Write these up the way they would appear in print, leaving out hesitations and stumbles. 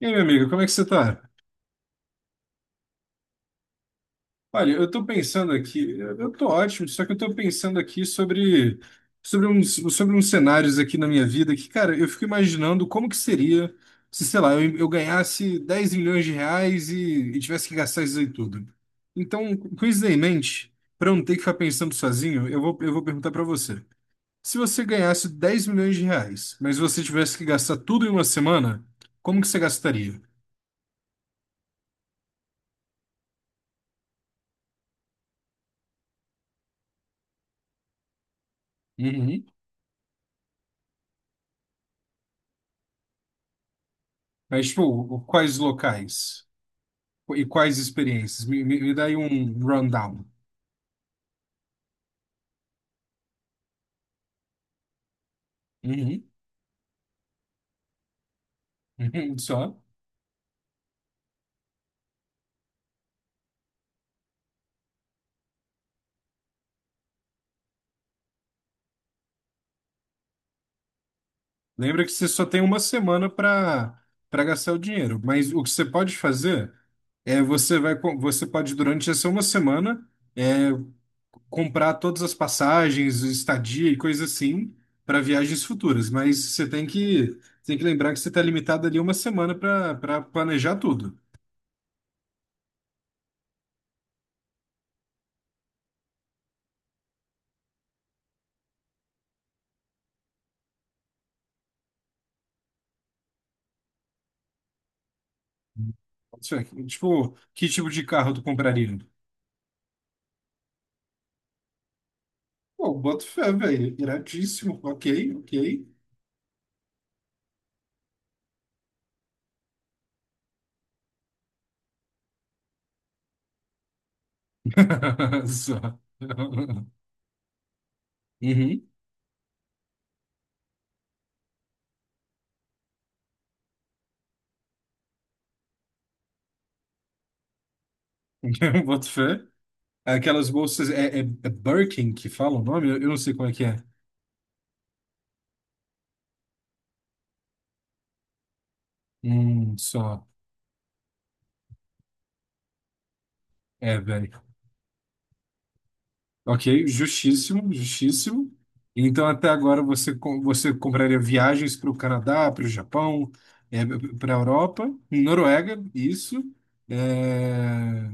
E aí, meu amigo, como é que você tá? Olha, eu tô pensando aqui, eu tô ótimo, só que eu tô pensando aqui sobre uns cenários aqui na minha vida que, cara, eu fico imaginando como que seria se, sei lá, eu ganhasse 10 milhões de reais e tivesse que gastar isso aí tudo. Então, com isso daí em mente, pra eu não ter que ficar pensando sozinho, eu vou perguntar pra você. Se você ganhasse 10 milhões de reais, mas você tivesse que gastar tudo em uma semana, como que você gastaria? Uhum. Mas, tipo, quais locais? E quais experiências? Me dá aí um rundown. Uhum. Uhum. Só. Lembra que você só tem uma semana para gastar o dinheiro, mas o que você pode fazer é você vai você pode durante essa uma semana comprar todas as passagens, estadia e coisa assim para viagens futuras, mas você tem que lembrar que você está limitado ali uma semana para planejar tudo. Isso é. Tipo, que tipo de carro tu compraria? Pô, boto fé, velho. Iradíssimo. Ok, ok. Só. Uhum. Boto fé. Aquelas bolsas. É Birkin que fala o nome? Eu não sei como é que é. Só. É, velho. Ok, justíssimo, justíssimo. Então, até agora, você, você compraria viagens para o Canadá, para o Japão, para a Europa, Noruega, isso. É,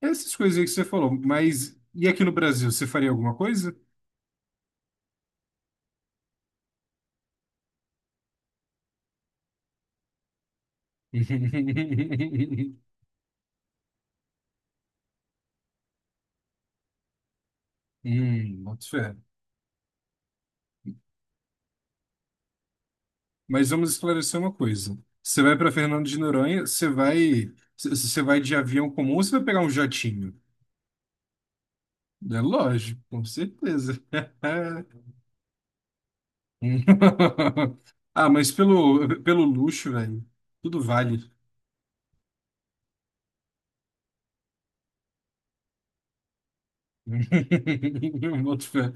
essas coisas aí que você falou. Mas e aqui no Brasil, você faria alguma coisa? Boto fé. Mas vamos esclarecer uma coisa. Você vai para Fernando de Noronha, você vai, você vai de avião comum ou você vai pegar um jatinho? É lógico, com certeza. Ah, mas pelo luxo, velho, tudo vale. Boto fé.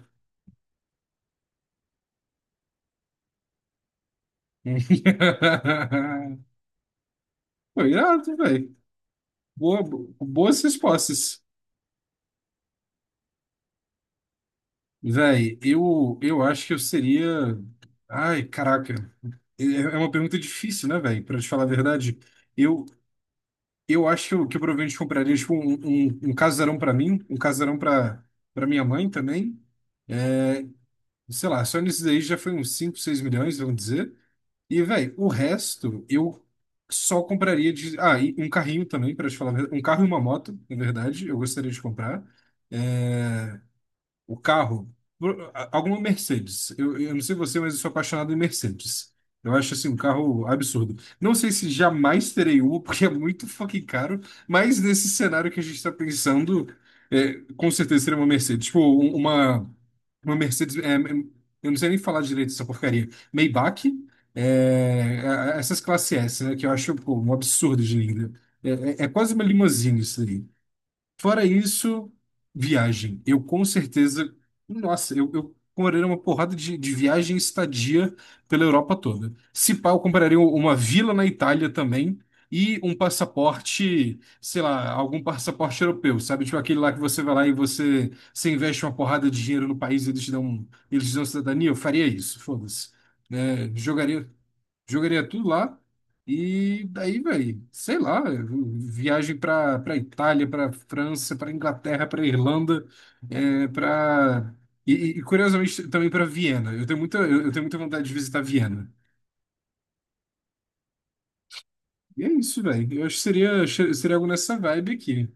Foi irado, velho. Boa, Boas respostas. Velho, eu acho que eu seria. Ai, caraca. É uma pergunta difícil, né, velho? Pra te falar a verdade, eu, eu acho que eu provavelmente compraria tipo, um casarão pra mim, um casarão pra para minha mãe também. Sei lá, só nisso daí já foi uns 5, 6 milhões, vamos dizer. E, velho, o resto eu só compraria de. Ah, e um carrinho também, pra te falar a verdade. Um carro e uma moto, na verdade, eu gostaria de comprar. É, o carro, alguma Mercedes. Eu não sei você, mas eu sou apaixonado em Mercedes. Eu acho assim um carro absurdo. Não sei se jamais terei uma, porque é muito fucking caro, mas nesse cenário que a gente está pensando, é, com certeza seria uma Mercedes. Tipo, uma Mercedes. Eu não sei nem falar direito dessa porcaria. Maybach, é, é, essas classe S, né? Que eu acho, pô, um absurdo de linda. É, é é quase uma limousine isso aí. Fora isso, viagem. Eu com certeza. Nossa, eu compraria uma porrada de viagem e estadia pela Europa toda. Se pá, eu compraria uma vila na Itália também e um passaporte, sei lá, algum passaporte europeu, sabe? Tipo aquele lá que você vai lá e você, você investe uma porrada de dinheiro no país e eles te dão, eles te dão cidadania. Eu faria isso, foda-se. É, jogaria. Jogaria tudo lá. E daí, velho, sei lá, viagem pra Itália, pra França, pra Inglaterra, pra Irlanda, é, pra. E, Curiosamente também pra Viena. Eu tenho muita, eu tenho muita vontade de visitar Viena. E é isso, velho. Eu acho que seria algo nessa vibe aqui.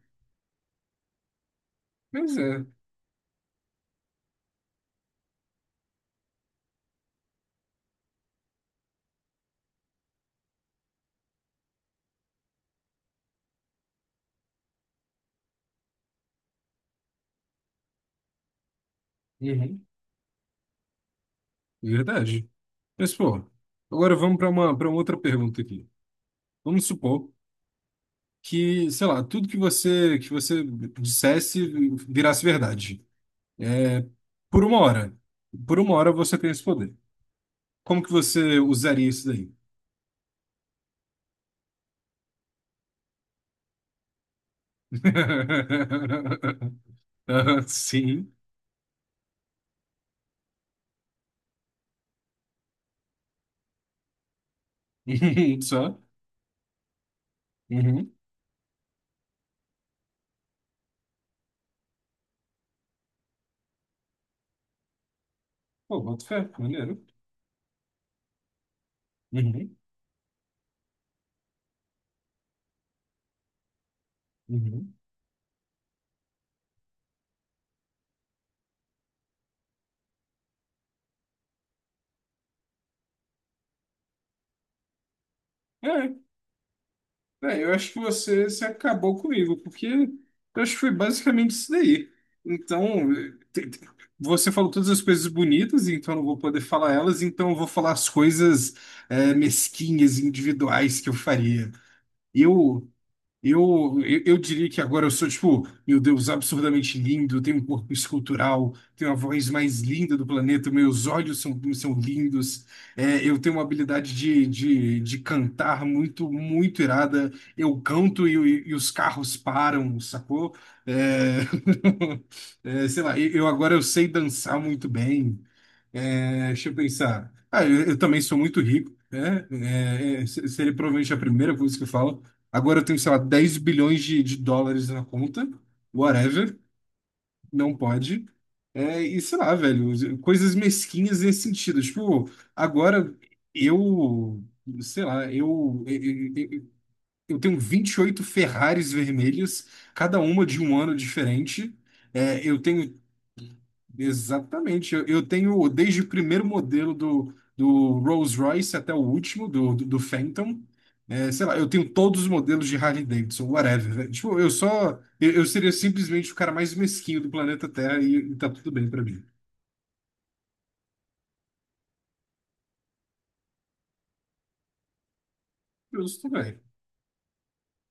Mas é. Uhum. Verdade. Mas, pô, agora vamos para para outra pergunta aqui. Vamos supor que, sei lá, tudo que você dissesse virasse verdade. É, por uma hora. Por uma hora você tem esse poder. Como que você usaria isso daí? Ah, sim. Só? Uhum. Pô, boto fé, maneiro. Uhum. Uhum. É, eu acho que você se acabou comigo, porque eu acho que foi basicamente isso daí. Então, te- te- você falou todas as coisas bonitas, então eu não vou poder falar elas, então eu vou falar as coisas é, mesquinhas, individuais que eu faria. Eu, eu diria que agora eu sou, tipo, meu Deus, absurdamente lindo, eu tenho um corpo escultural, tenho a voz mais linda do planeta, meus olhos são lindos, é, eu tenho uma habilidade de cantar muito, muito irada, eu canto e os carros param, sacou? É, é, sei lá, eu agora eu sei dançar muito bem. É, deixa eu pensar. Ah, eu também sou muito rico, né? Seria provavelmente a primeira coisa que eu falo. Agora eu tenho, sei lá, 10 bilhões de dólares na conta, whatever, não pode. É, e sei lá, velho, coisas mesquinhas nesse sentido. Tipo, agora eu, sei lá, eu tenho 28 Ferraris vermelhos, cada uma de um ano diferente. É, eu tenho exatamente. Eu tenho desde o primeiro modelo do Rolls-Royce até o último, do Phantom. É, sei lá, eu tenho todos os modelos de Harley Davidson, whatever, velho. Tipo, eu só. Eu seria simplesmente o cara mais mesquinho do planeta Terra e tá tudo bem pra mim. Justo, velho.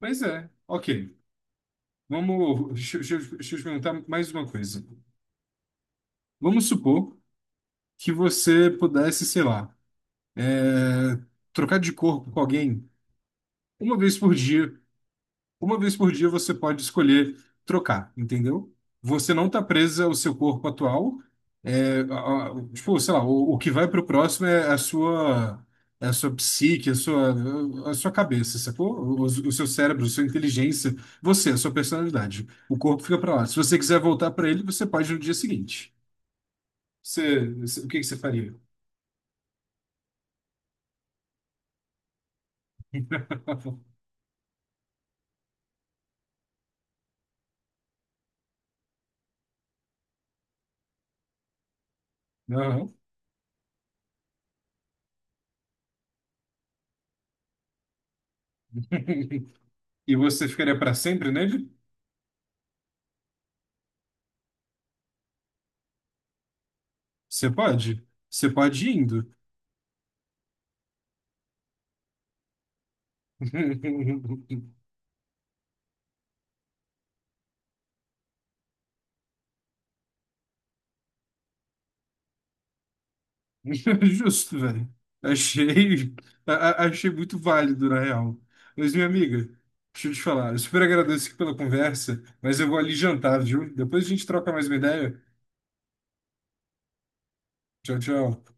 Mas é, ok. Vamos. Deixa eu te perguntar mais uma coisa. Vamos supor que você pudesse, sei lá, é, trocar de corpo com alguém uma vez por dia. Uma vez por dia você pode escolher trocar, entendeu? Você não está presa ao seu corpo atual. É, tipo, sei lá, o que vai para o próximo é a sua, psique, a sua cabeça, sacou? O seu cérebro, a sua inteligência, você, a sua personalidade. O corpo fica para lá. Se você quiser voltar para ele, você pode no dia seguinte. O que que você faria? Não. E você ficaria para sempre nele? Você pode. Você pode ir indo. Justo, velho. Achei, a- achei muito válido, na real. Mas, minha amiga, deixa eu te falar. Eu super agradeço aqui pela conversa, mas eu vou ali jantar, viu? Depois a gente troca mais uma ideia. Tchau, tchau.